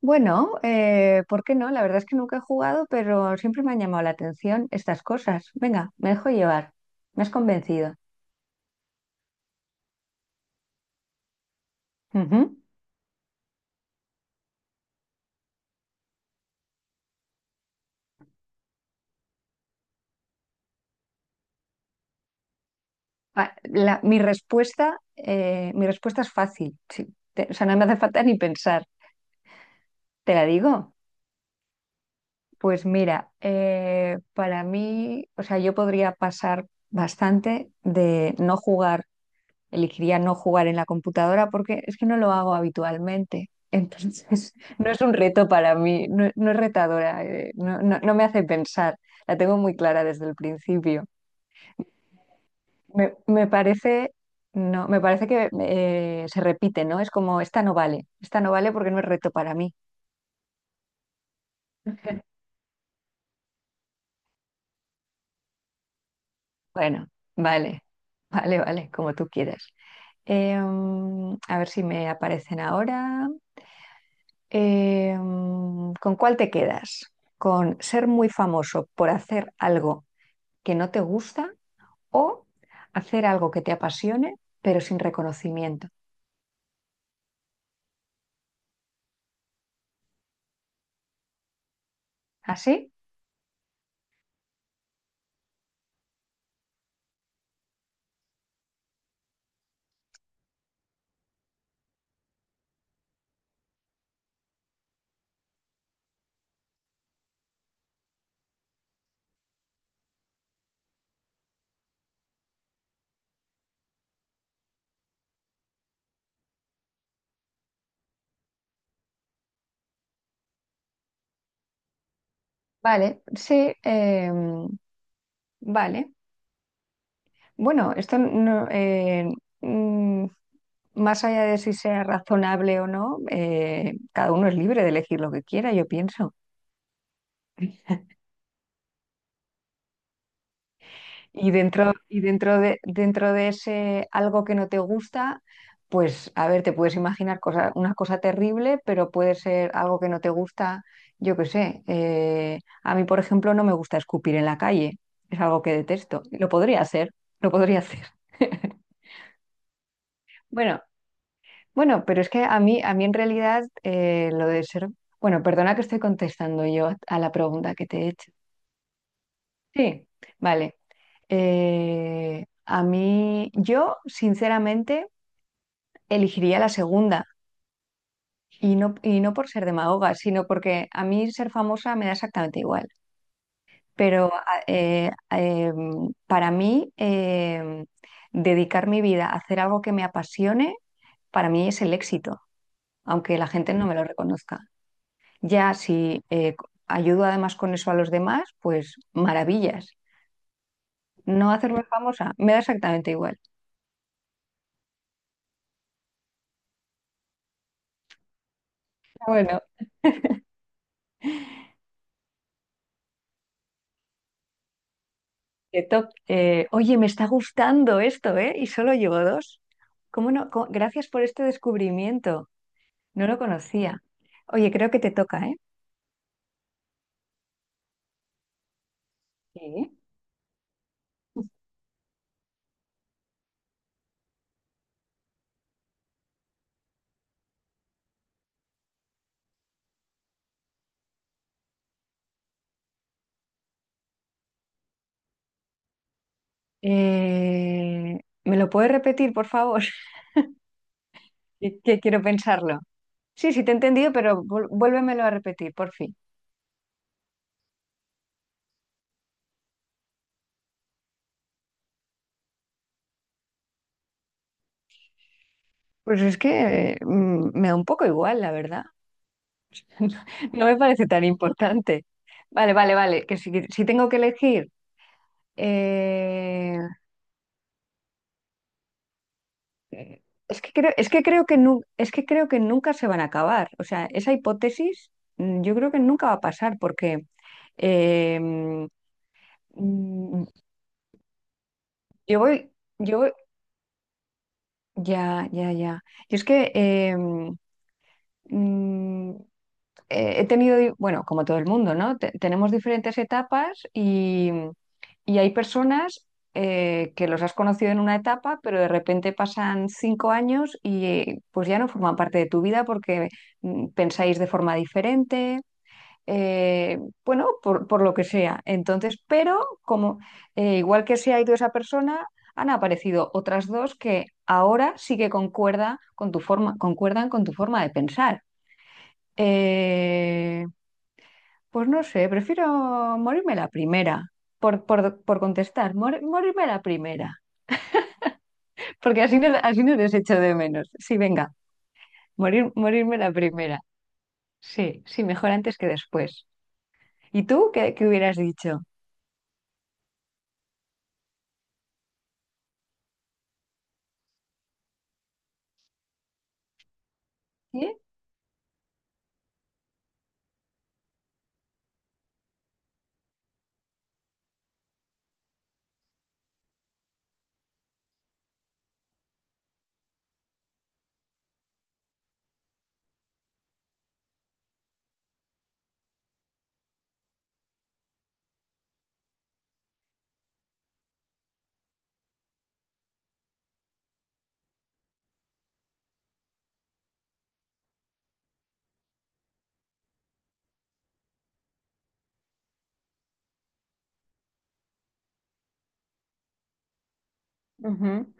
Bueno, ¿por qué no? La verdad es que nunca he jugado, pero siempre me han llamado la atención estas cosas. Venga, me dejo llevar. Me has convencido. Ujú. Ah, mi respuesta es fácil. Sí. O sea, no me hace falta ni pensar. ¿Te la digo? Pues mira, para mí, o sea, yo podría pasar bastante de no jugar, elegiría no jugar en la computadora porque es que no lo hago habitualmente. Entonces, no es un reto para mí, no, no es retadora, no, no me hace pensar. La tengo muy clara desde el principio. Me parece, no, me parece que se repite, ¿no? Es como, esta no vale porque no es reto para mí. Bueno, vale, vale, vale, como tú quieras. A ver si me aparecen ahora. ¿Con cuál te quedas? ¿Con ser muy famoso por hacer algo que no te gusta o hacer algo que te apasione pero sin reconocimiento? ¿Así? Vale, sí, vale. Bueno, esto no, mm, más allá de si sea razonable o no, cada uno es libre de elegir lo que quiera, yo pienso. Dentro de ese algo que no te gusta, pues a ver, te puedes imaginar cosa, una cosa terrible, pero puede ser algo que no te gusta, yo qué sé. A mí, por ejemplo, no me gusta escupir en la calle, es algo que detesto. Lo podría hacer. Bueno, bueno, pero es que a mí en realidad lo de ser... Bueno, perdona que estoy contestando yo a la pregunta que te he hecho. Sí, vale. A mí, yo sinceramente elegiría la segunda y no por ser demagoga, sino porque a mí ser famosa me da exactamente igual. Pero a- eh, eh, para mí, dedicar mi vida a hacer algo que me apasione, para mí es el éxito, aunque la gente no me lo reconozca. Ya si ayudo además con eso a los demás, pues maravillas. No hacerme famosa, me da exactamente igual. Bueno. Qué top. Oye, me está gustando esto, ¿eh? Y solo llevo dos. ¿Cómo no? Gracias por este descubrimiento. No lo conocía. Oye, creo que te toca, ¿eh? Sí. ¿Me lo puedes repetir, por favor? Que quiero pensarlo. Sí, sí, te he entendido, pero vuélvemelo a repetir, por fin. Pues es que me da un poco igual, la verdad. No me parece tan importante. Vale, vale, vale, que si, si tengo que elegir, eh, es que creo que es que creo que nunca se van a acabar. O sea, esa hipótesis, yo creo que nunca va a pasar porque eh, mm, mm, yo voy, yo voy- ya, ya, ya. Y es que mm, he tenido, bueno, como todo el mundo, ¿no? Tenemos diferentes etapas y hay personas que los has conocido en una etapa, pero de repente pasan 5 años y pues ya no forman parte de tu vida porque pensáis de forma diferente. eh, bueno, por lo que sea. Entonces, pero como igual que se ha ido esa persona, han aparecido otras dos que ahora sí que concuerda con tu forma, concuerdan con tu forma de pensar. Eh, pues no sé, prefiero morirme la primera, por contestar, morirme la primera, porque así no les echo de menos. Sí, venga, morir, morirme la primera. Sí, sí, mejor antes que después. ¿Y tú qué, qué hubieras dicho? ¿Sí? Ujú.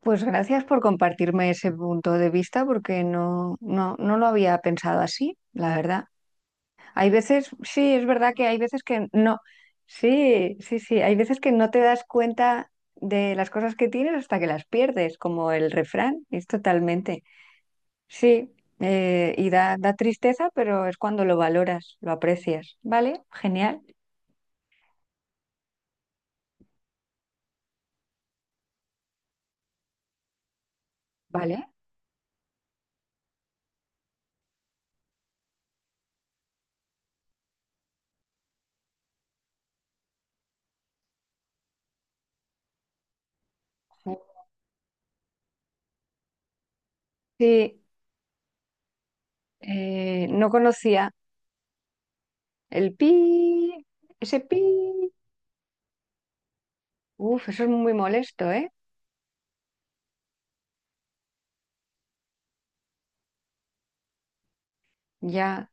Pues gracias por compartirme ese punto de vista, porque no, no, no lo había pensado así, la verdad. Hay veces, sí, es verdad que hay veces que no, sí, sí, sí, hay veces que no te das cuenta de las cosas que tienes hasta que las pierdes, como el refrán, es totalmente. Sí, y da, da tristeza, pero es cuando lo valoras, lo aprecias. ¿Vale? Genial. ¿Vale? Sí, no conocía el pi, ese pi. Uf, eso es muy molesto, ¿eh? Ya,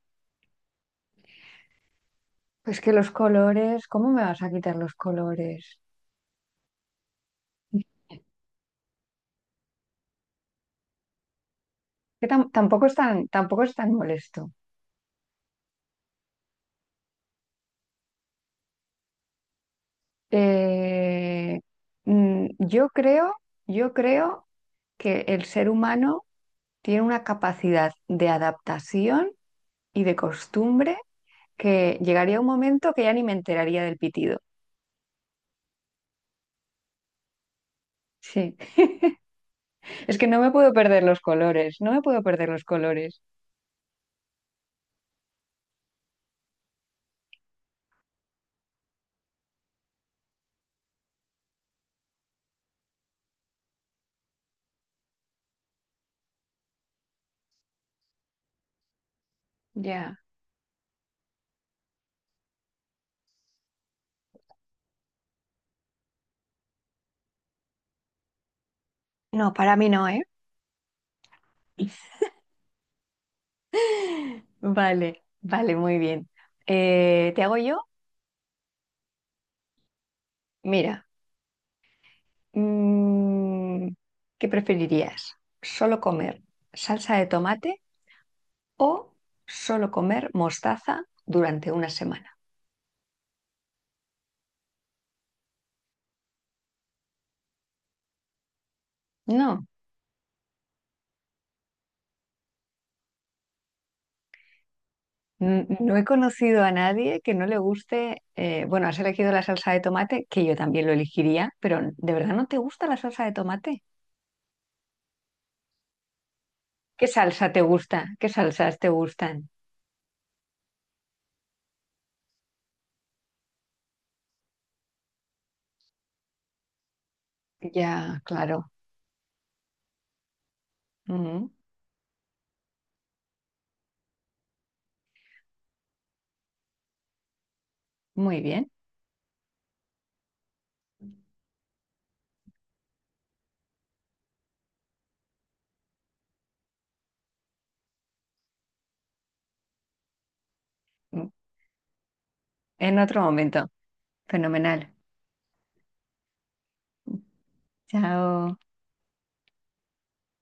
pues que los colores, ¿cómo me vas a quitar los colores? Que tampoco es tan, tampoco es tan molesto. Eh, mm, yo creo, yo creo que el ser humano tiene una capacidad de adaptación y de costumbre que llegaría un momento que ya ni me enteraría del pitido. Sí, es que no me puedo perder los colores, no me puedo perder los colores. Ya. No, para mí no, ¿eh? Vale, vale, muy bien. ¿Te hago yo? Mira. Mm, ¿Qué preferirías? ¿Solo comer salsa de tomate o solo comer mostaza durante una semana? No, no he conocido a nadie que no le guste, bueno, has elegido la salsa de tomate, que yo también lo elegiría, pero ¿de verdad no te gusta la salsa de tomate? ¿Qué salsa te gusta? ¿Qué salsas te gustan? Ya, claro. Mm, muy bien. Mm, en otro momento. Fenomenal. Chao.